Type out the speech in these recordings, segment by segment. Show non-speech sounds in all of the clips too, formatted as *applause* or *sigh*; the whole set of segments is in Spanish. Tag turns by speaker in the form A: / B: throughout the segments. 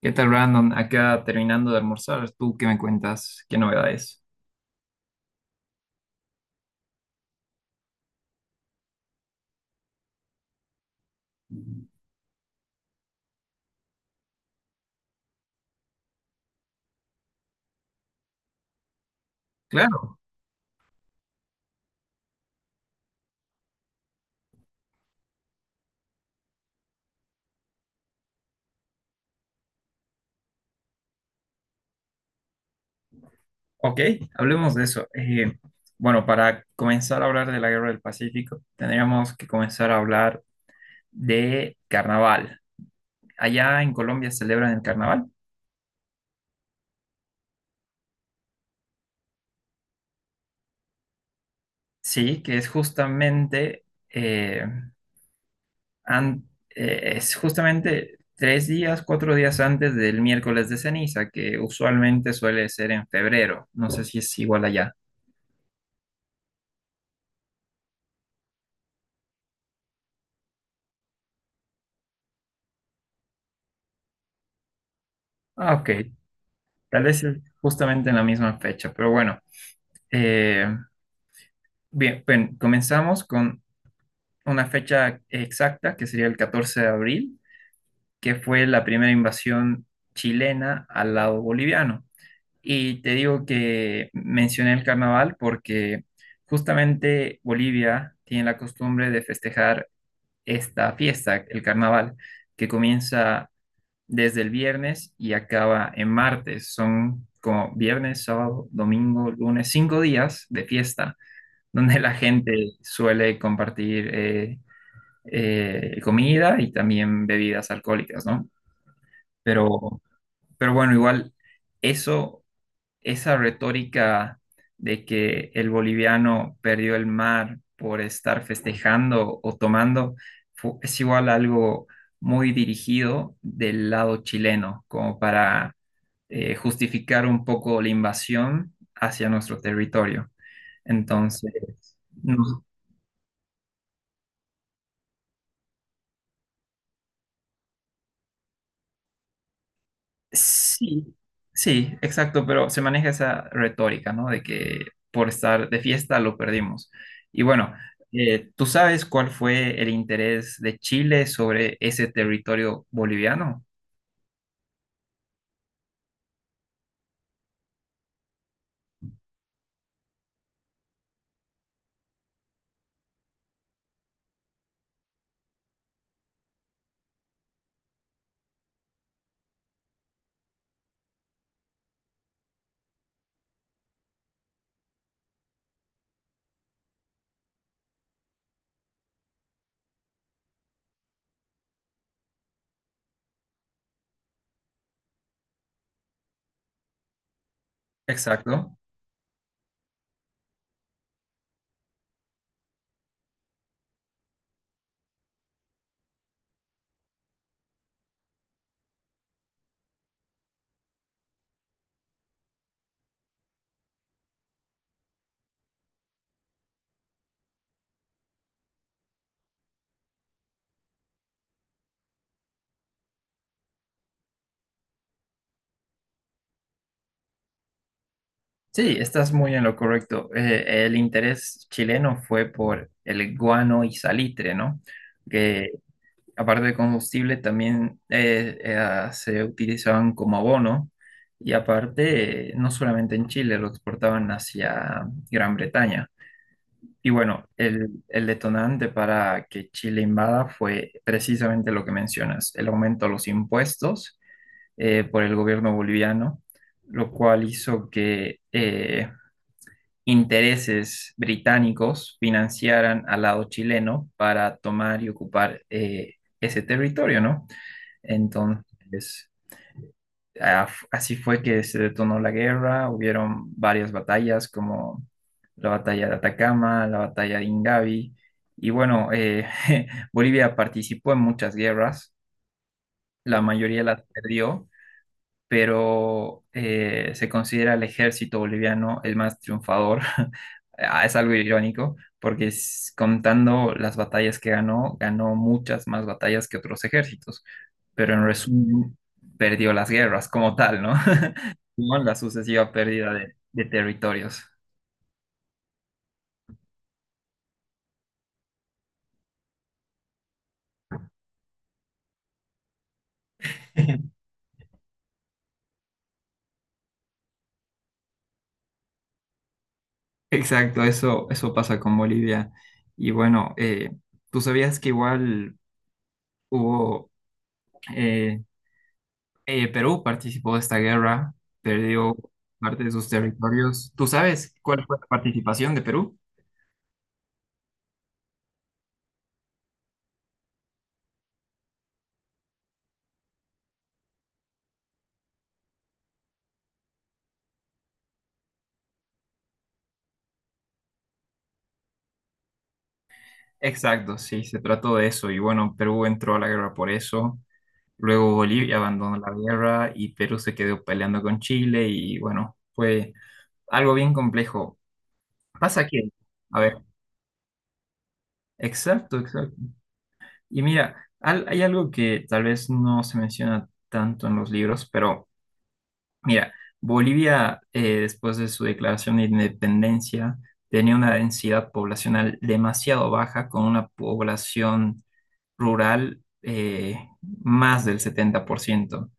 A: ¿Qué tal, Brandon? Acá terminando de almorzar, ¿tú qué me cuentas? ¿Qué novedades? Claro, ok, hablemos de eso. Bueno, para comenzar a hablar de la Guerra del Pacífico, tendríamos que comenzar a hablar de carnaval. Allá en Colombia celebran el carnaval, sí, que es justamente, eh, an- es justamente tres días, cuatro días antes del miércoles de ceniza, que usualmente suele ser en febrero. No sé si es igual allá. Ah, ok. Tal vez es justamente en la misma fecha, pero bueno. eh, bien, comenzamos con una fecha exacta, que sería el 14 de abril, que fue la primera invasión chilena al lado boliviano. Y te digo que mencioné el carnaval porque justamente Bolivia tiene la costumbre de festejar esta fiesta, el carnaval, que comienza desde el viernes y acaba en martes. Son como viernes, sábado, domingo, lunes, cinco días de fiesta, *laughs* donde la gente suele compartir comida y también bebidas alcohólicas, ¿no? Pero, pero bueno, igual eso esa retórica de que el boliviano perdió el mar por estar festejando o tomando es igual algo muy dirigido del lado chileno, como para justificar un poco la invasión hacia nuestro territorio. Entonces, no. Sí, sí, exacto, pero se maneja esa retórica, ¿no? De que por estar de fiesta lo perdimos. Y bueno, ¿tú sabes cuál fue el interés de Chile sobre ese territorio boliviano? Exacto. Sí, estás muy en lo correcto. El interés chileno fue por el guano y salitre, ¿no? Que aparte de combustible, también se utilizaban como abono y aparte, no solamente en Chile, lo exportaban hacia Gran Bretaña. Y bueno, el detonante para que Chile invada fue precisamente lo que mencionas, el aumento a los impuestos por el gobierno boliviano, lo cual hizo que intereses británicos financiaran al lado chileno para tomar y ocupar ese territorio, ¿no? Entonces, así fue que se detonó la guerra, hubieron varias batallas como la batalla de Atacama, la batalla de Ingavi, y bueno, *laughs* Bolivia participó en muchas guerras, la mayoría las perdió, pero se considera el ejército boliviano el más triunfador. *laughs* Ah, es algo irónico, porque contando las batallas que ganó, ganó muchas más batallas que otros ejércitos, pero en resumen perdió las guerras como tal, ¿no? *laughs* Con la sucesiva pérdida de territorios. *laughs* Exacto, eso pasa con Bolivia. Y bueno, tú sabías que igual hubo, eh, Perú participó de esta guerra, perdió parte de sus territorios. ¿Tú sabes cuál fue la participación de Perú? Exacto, sí, se trató de eso. Y bueno, Perú entró a la guerra por eso. Luego Bolivia abandonó la guerra y Perú se quedó peleando con Chile y bueno, fue algo bien complejo. Pasa que, a ver, exacto, exacto. Y mira, hay algo que tal vez no se menciona tanto en los libros, pero mira, Bolivia después de su declaración de independencia tenía una densidad poblacional demasiado baja con una población rural más del 70%.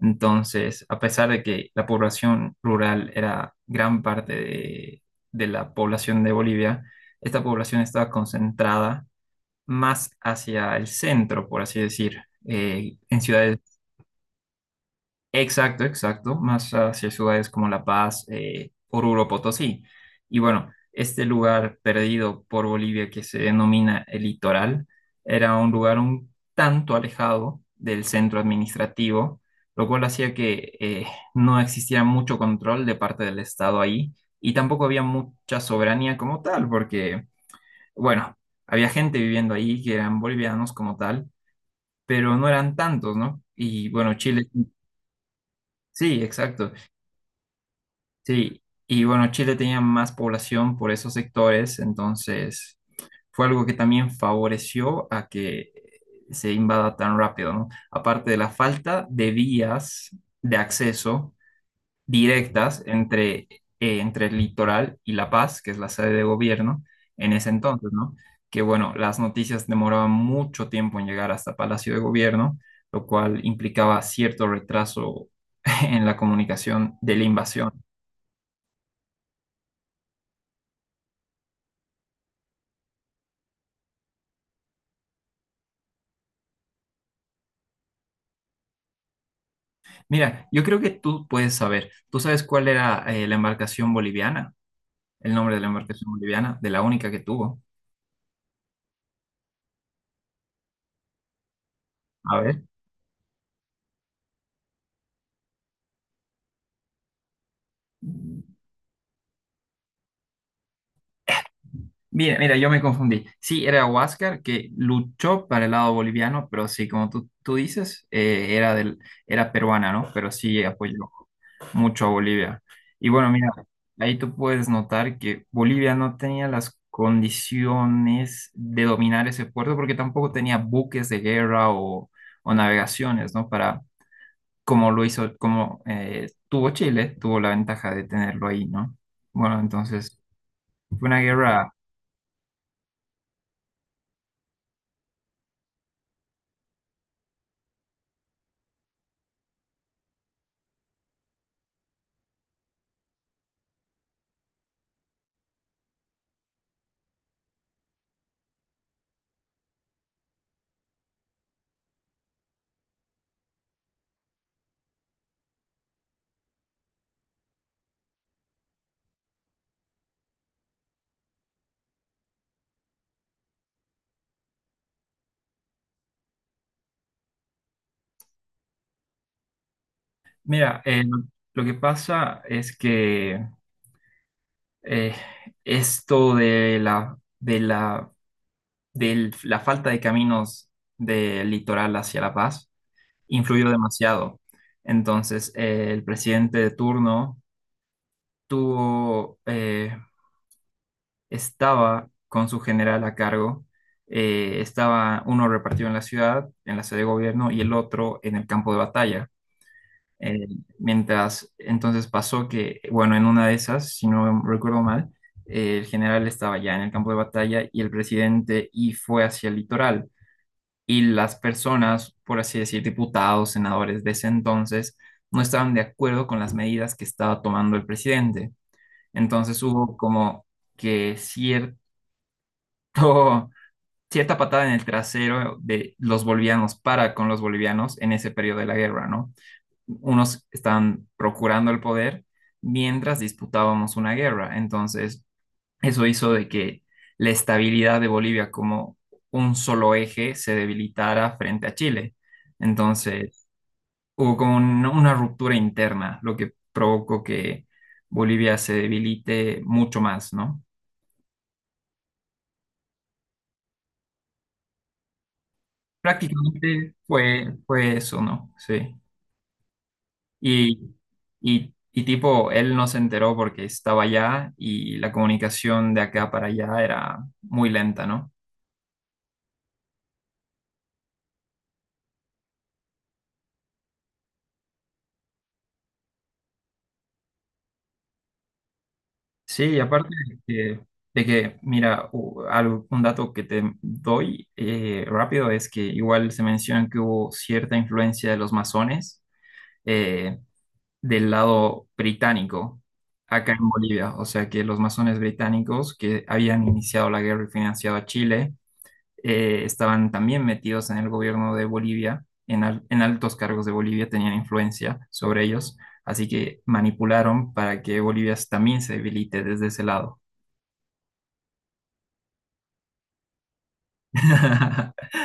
A: Entonces, a pesar de que la población rural era gran parte de la población de Bolivia, esta población estaba concentrada más hacia el centro, por así decir, en ciudades. Exacto, exacto, más hacia ciudades como La Paz, Oruro, Potosí. Y bueno, este lugar perdido por Bolivia que se denomina el Litoral era un lugar un tanto alejado del centro administrativo, lo cual hacía que no existiera mucho control de parte del Estado ahí y tampoco había mucha soberanía como tal, porque, bueno, había gente viviendo ahí que eran bolivianos como tal, pero no eran tantos, ¿no? Y bueno, Chile, sí, exacto. Sí, y bueno, Chile tenía más población por esos sectores, entonces fue algo que también favoreció a que se invada tan rápido, ¿no? Aparte de la falta de vías de acceso directas entre, entre el litoral y La Paz, que es la sede de gobierno en ese entonces, ¿no? Que bueno, las noticias demoraban mucho tiempo en llegar hasta Palacio de Gobierno, lo cual implicaba cierto retraso *laughs* en la comunicación de la invasión. Mira, yo creo que tú puedes saber. ¿Tú sabes cuál era la embarcación boliviana? El nombre de la embarcación boliviana, de la única que tuvo. A ver. Mira, yo me confundí. Sí, era Huáscar que luchó para el lado boliviano, pero sí, como tú dices, era era peruana, ¿no? Pero sí apoyó mucho a Bolivia. Y bueno, mira, ahí tú puedes notar que Bolivia no tenía las condiciones de dominar ese puerto porque tampoco tenía buques de guerra o navegaciones, ¿no? Para, como lo hizo, como tuvo Chile, tuvo la ventaja de tenerlo ahí, ¿no? Bueno, entonces fue una guerra. Mira, lo que pasa es que eh, esto de la falta de caminos del litoral hacia La Paz influyó demasiado. Entonces, el presidente de turno tuvo, eh, estaba con su general a cargo, estaba uno repartido en la ciudad, en la sede de gobierno, y el otro en el campo de batalla. Eh, mientras, entonces pasó que, bueno, en una de esas, si no recuerdo mal, el general estaba ya en el campo de batalla y el presidente y fue hacia el litoral. Y las personas, por así decir, diputados, senadores de ese entonces, no estaban de acuerdo con las medidas que estaba tomando el presidente. Entonces hubo como que cierto, *laughs* cierta patada en el trasero de los bolivianos para con los bolivianos en ese periodo de la guerra, ¿no? Unos estaban procurando el poder mientras disputábamos una guerra. Entonces eso hizo de que la estabilidad de Bolivia como un solo eje se debilitara frente a Chile. Entonces, hubo como una ruptura interna, lo que provocó que Bolivia se debilite mucho más, ¿no? Prácticamente fue eso, ¿no? Sí. Y, y tipo, él no se enteró porque estaba allá y la comunicación de acá para allá era muy lenta, ¿no? Sí, y aparte de que, mira, un dato que te doy rápido es que igual se menciona que hubo cierta influencia de los masones eh, del lado británico acá en Bolivia. O sea que los masones británicos que habían iniciado la guerra y financiado a Chile estaban también metidos en el gobierno de Bolivia, en, en altos cargos de Bolivia tenían influencia sobre ellos. Así que manipularon para que Bolivia también se debilite desde ese lado. *laughs*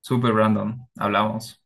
A: Super Brandon, hablamos.